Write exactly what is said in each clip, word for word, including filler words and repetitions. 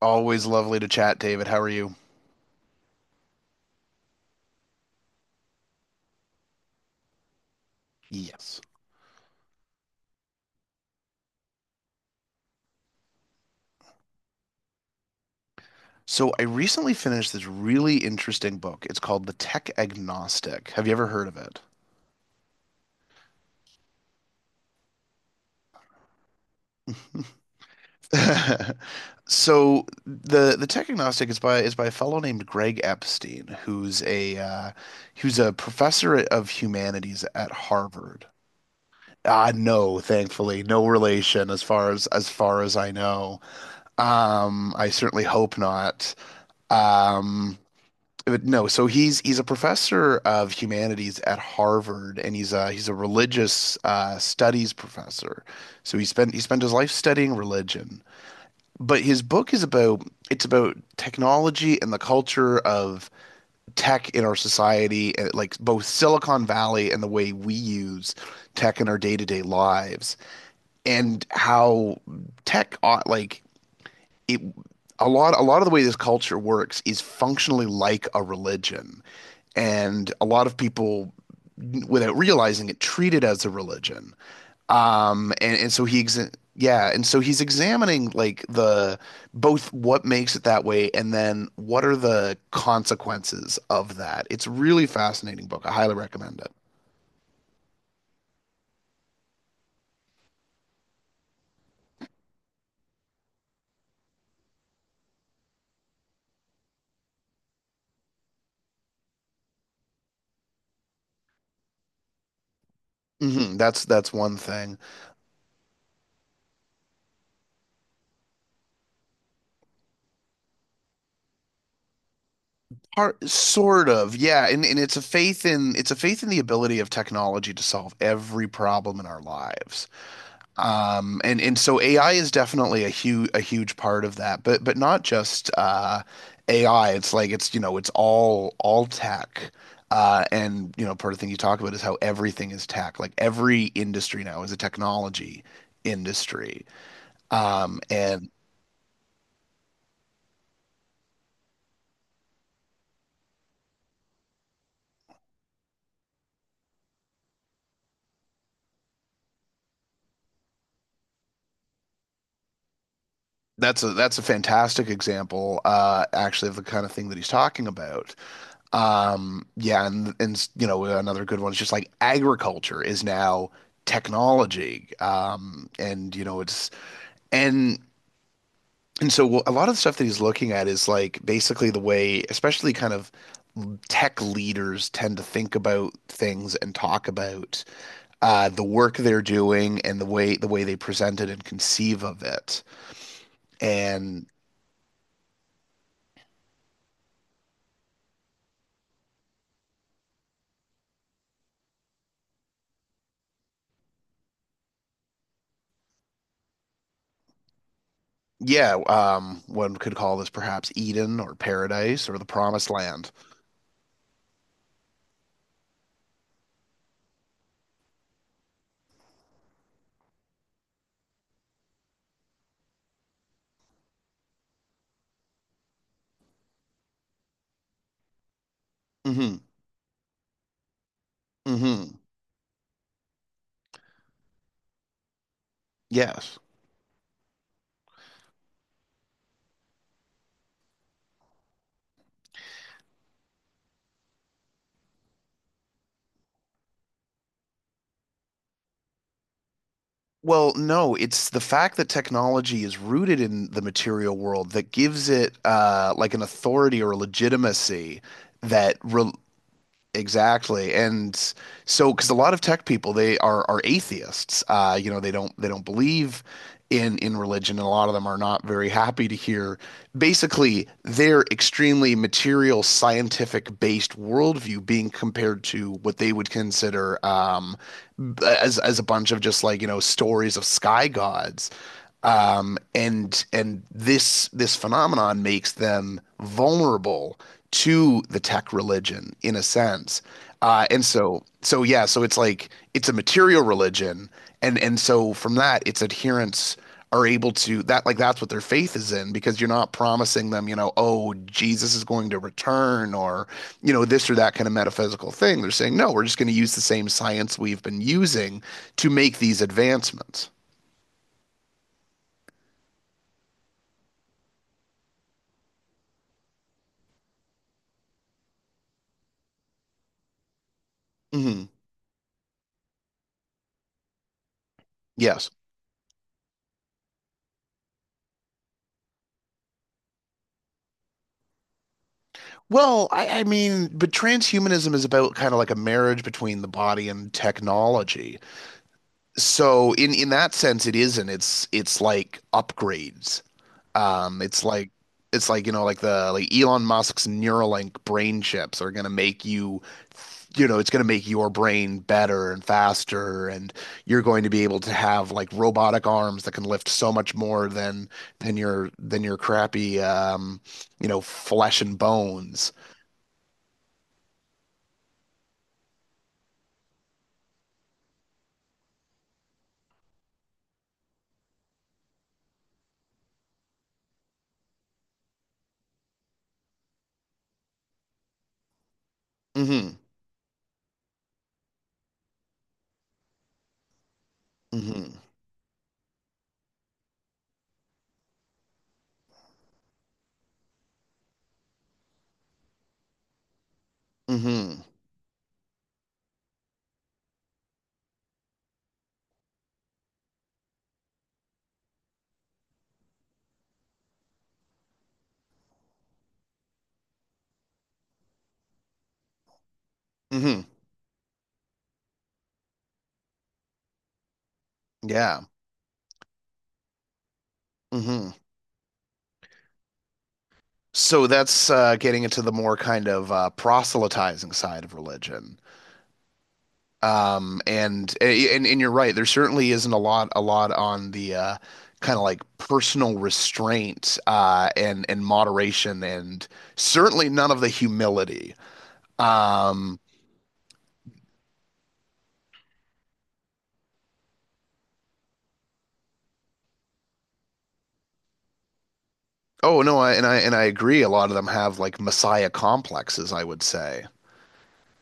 Always lovely to chat, David. How are you? Yes. So, I recently finished this really interesting book. It's called The Tech Agnostic. Have you ever heard of it? So, the the Tech Agnostic is by is by a fellow named Greg Epstein, who's a uh, who's a professor of humanities at Harvard. Uh, no, thankfully, no relation as far as as far as I know. Um, I certainly hope not. Um, But no, so he's he's a professor of humanities at Harvard, and he's a he's a religious uh, studies professor. So he spent he spent his life studying religion. But his book is about it's about technology and the culture of tech in our society, and, like both Silicon Valley and the way we use tech in our day-to-day lives, and how tech ought like it a lot a lot of the way this culture works is functionally like a religion. And a lot of people, without realizing it, treat it as a religion. Um, and, and so he exa yeah, and so he's examining like the both what makes it that way and then what are the consequences of that. It's really fascinating book. I highly recommend it. hmm that's that's one thing. Part, sort of, yeah, and and it's a faith in it's a faith in the ability of technology to solve every problem in our lives. Um, and and so A I is definitely a huge a huge part of that, but but not just uh, A I. It's like it's you know it's all all tech. Uh, and you know part of the thing you talk about is how everything is tech. Like every industry now is a technology industry. Um, and that's a that's a fantastic example, uh, actually, of the kind of thing that he's talking about. Um, yeah, and and you know, another good one is just like agriculture is now technology. Um, and you know, it's and and so a lot of the stuff that he's looking at is like basically the way, especially kind of tech leaders tend to think about things and talk about uh, the work they're doing and the way the way they present it and conceive of it. And yeah, um, one could call this perhaps Eden or paradise or the promised land. hmm hmm Yes. Well, no, it's the fact that technology is rooted in the material world that gives it uh, like an authority or a legitimacy that re Exactly. And so, because a lot of tech people, they are are atheists. Uh, you know, they don't they don't believe in in religion, and a lot of them are not very happy to hear basically their extremely material, scientific based worldview being compared to what they would consider um, as as a bunch of just like, you know, stories of sky gods. Um, and and this this phenomenon makes them vulnerable to the tech religion in a sense. Uh, and so so yeah, so it's like it's a material religion, and and so from that, its adherents are able to that like that's what their faith is in because you're not promising them, you know, oh, Jesus is going to return or you know this or that kind of metaphysical thing. They're saying, no, we're just going to use the same science we've been using to make these advancements. hmm Yes. Well, I, I mean, but transhumanism is about kind of like a marriage between the body and technology. So in in that sense, it isn't. It's it's like upgrades. Um, it's like it's like you know, like the like Elon Musk's Neuralink brain chips are gonna make you, you know, it's gonna make your brain better and faster, and you're going to be able to have like robotic arms that can lift so much more than than your than your crappy um, you know, flesh and bones. hmm Mm-hmm. Mm-hmm. Mm-hmm. Yeah. Mm-hmm. So that's uh, getting into the more kind of uh, proselytizing side of religion. Um, and, and and you're right. There certainly isn't a lot a lot on the uh, kind of like personal restraint uh, and and moderation, and certainly none of the humility. Um, oh no, I, and I and I agree. A lot of them have like messiah complexes, I would say.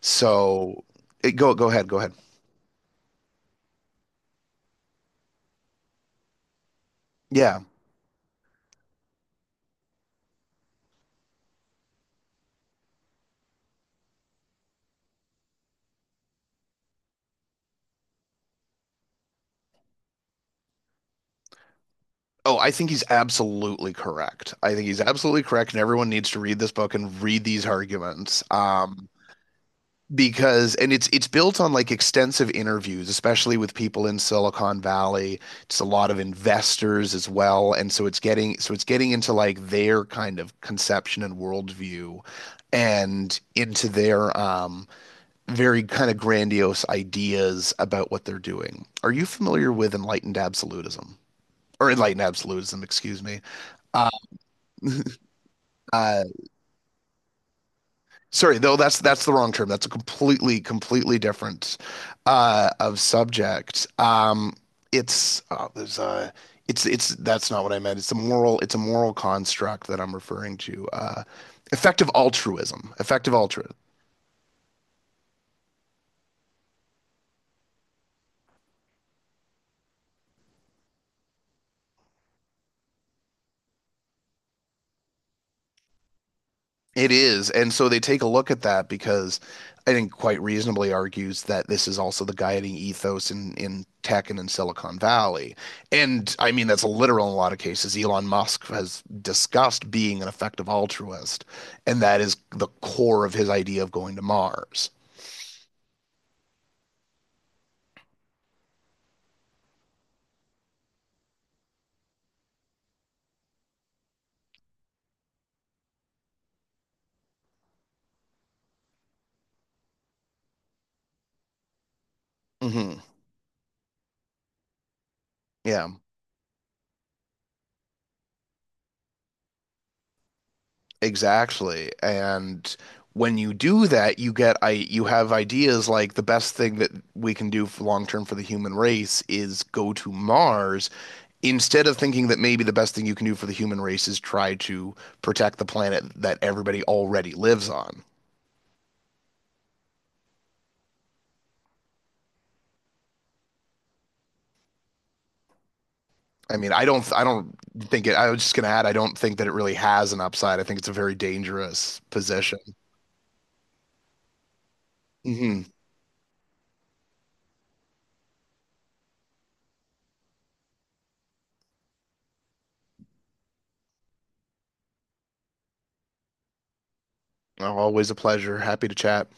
So it, go go ahead, go ahead. Yeah. Oh, I think he's absolutely correct. I think he's absolutely correct, and everyone needs to read this book and read these arguments. Um, because and it's it's built on like extensive interviews, especially with people in Silicon Valley. It's a lot of investors as well, and so it's getting so it's getting into like their kind of conception and worldview, and into their um, very kind of grandiose ideas about what they're doing. Are you familiar with enlightened absolutism or enlightened absolutism? Excuse me. Uh, Sorry, though that's that's the wrong term. That's a completely completely different uh, of subject. Um, it's uh, there's a it's it's that's not what I meant. It's a moral it's a moral construct that I'm referring to. Uh, Effective altruism. Effective altruism. It is. And so they take a look at that because I think quite reasonably argues that this is also the guiding ethos in, in tech and in Silicon Valley. And I mean, that's literal in a lot of cases. Elon Musk has discussed being an effective altruist, and that is the core of his idea of going to Mars. hmm Yeah, exactly. And when you do that, you get I you have ideas like the best thing that we can do long term for the human race is go to Mars instead of thinking that maybe the best thing you can do for the human race is try to protect the planet that everybody already lives on. I mean, I don't, I don't think it. I was just gonna add, I don't think that it really has an upside. I think it's a very dangerous position. hmm Always a pleasure. Happy to chat.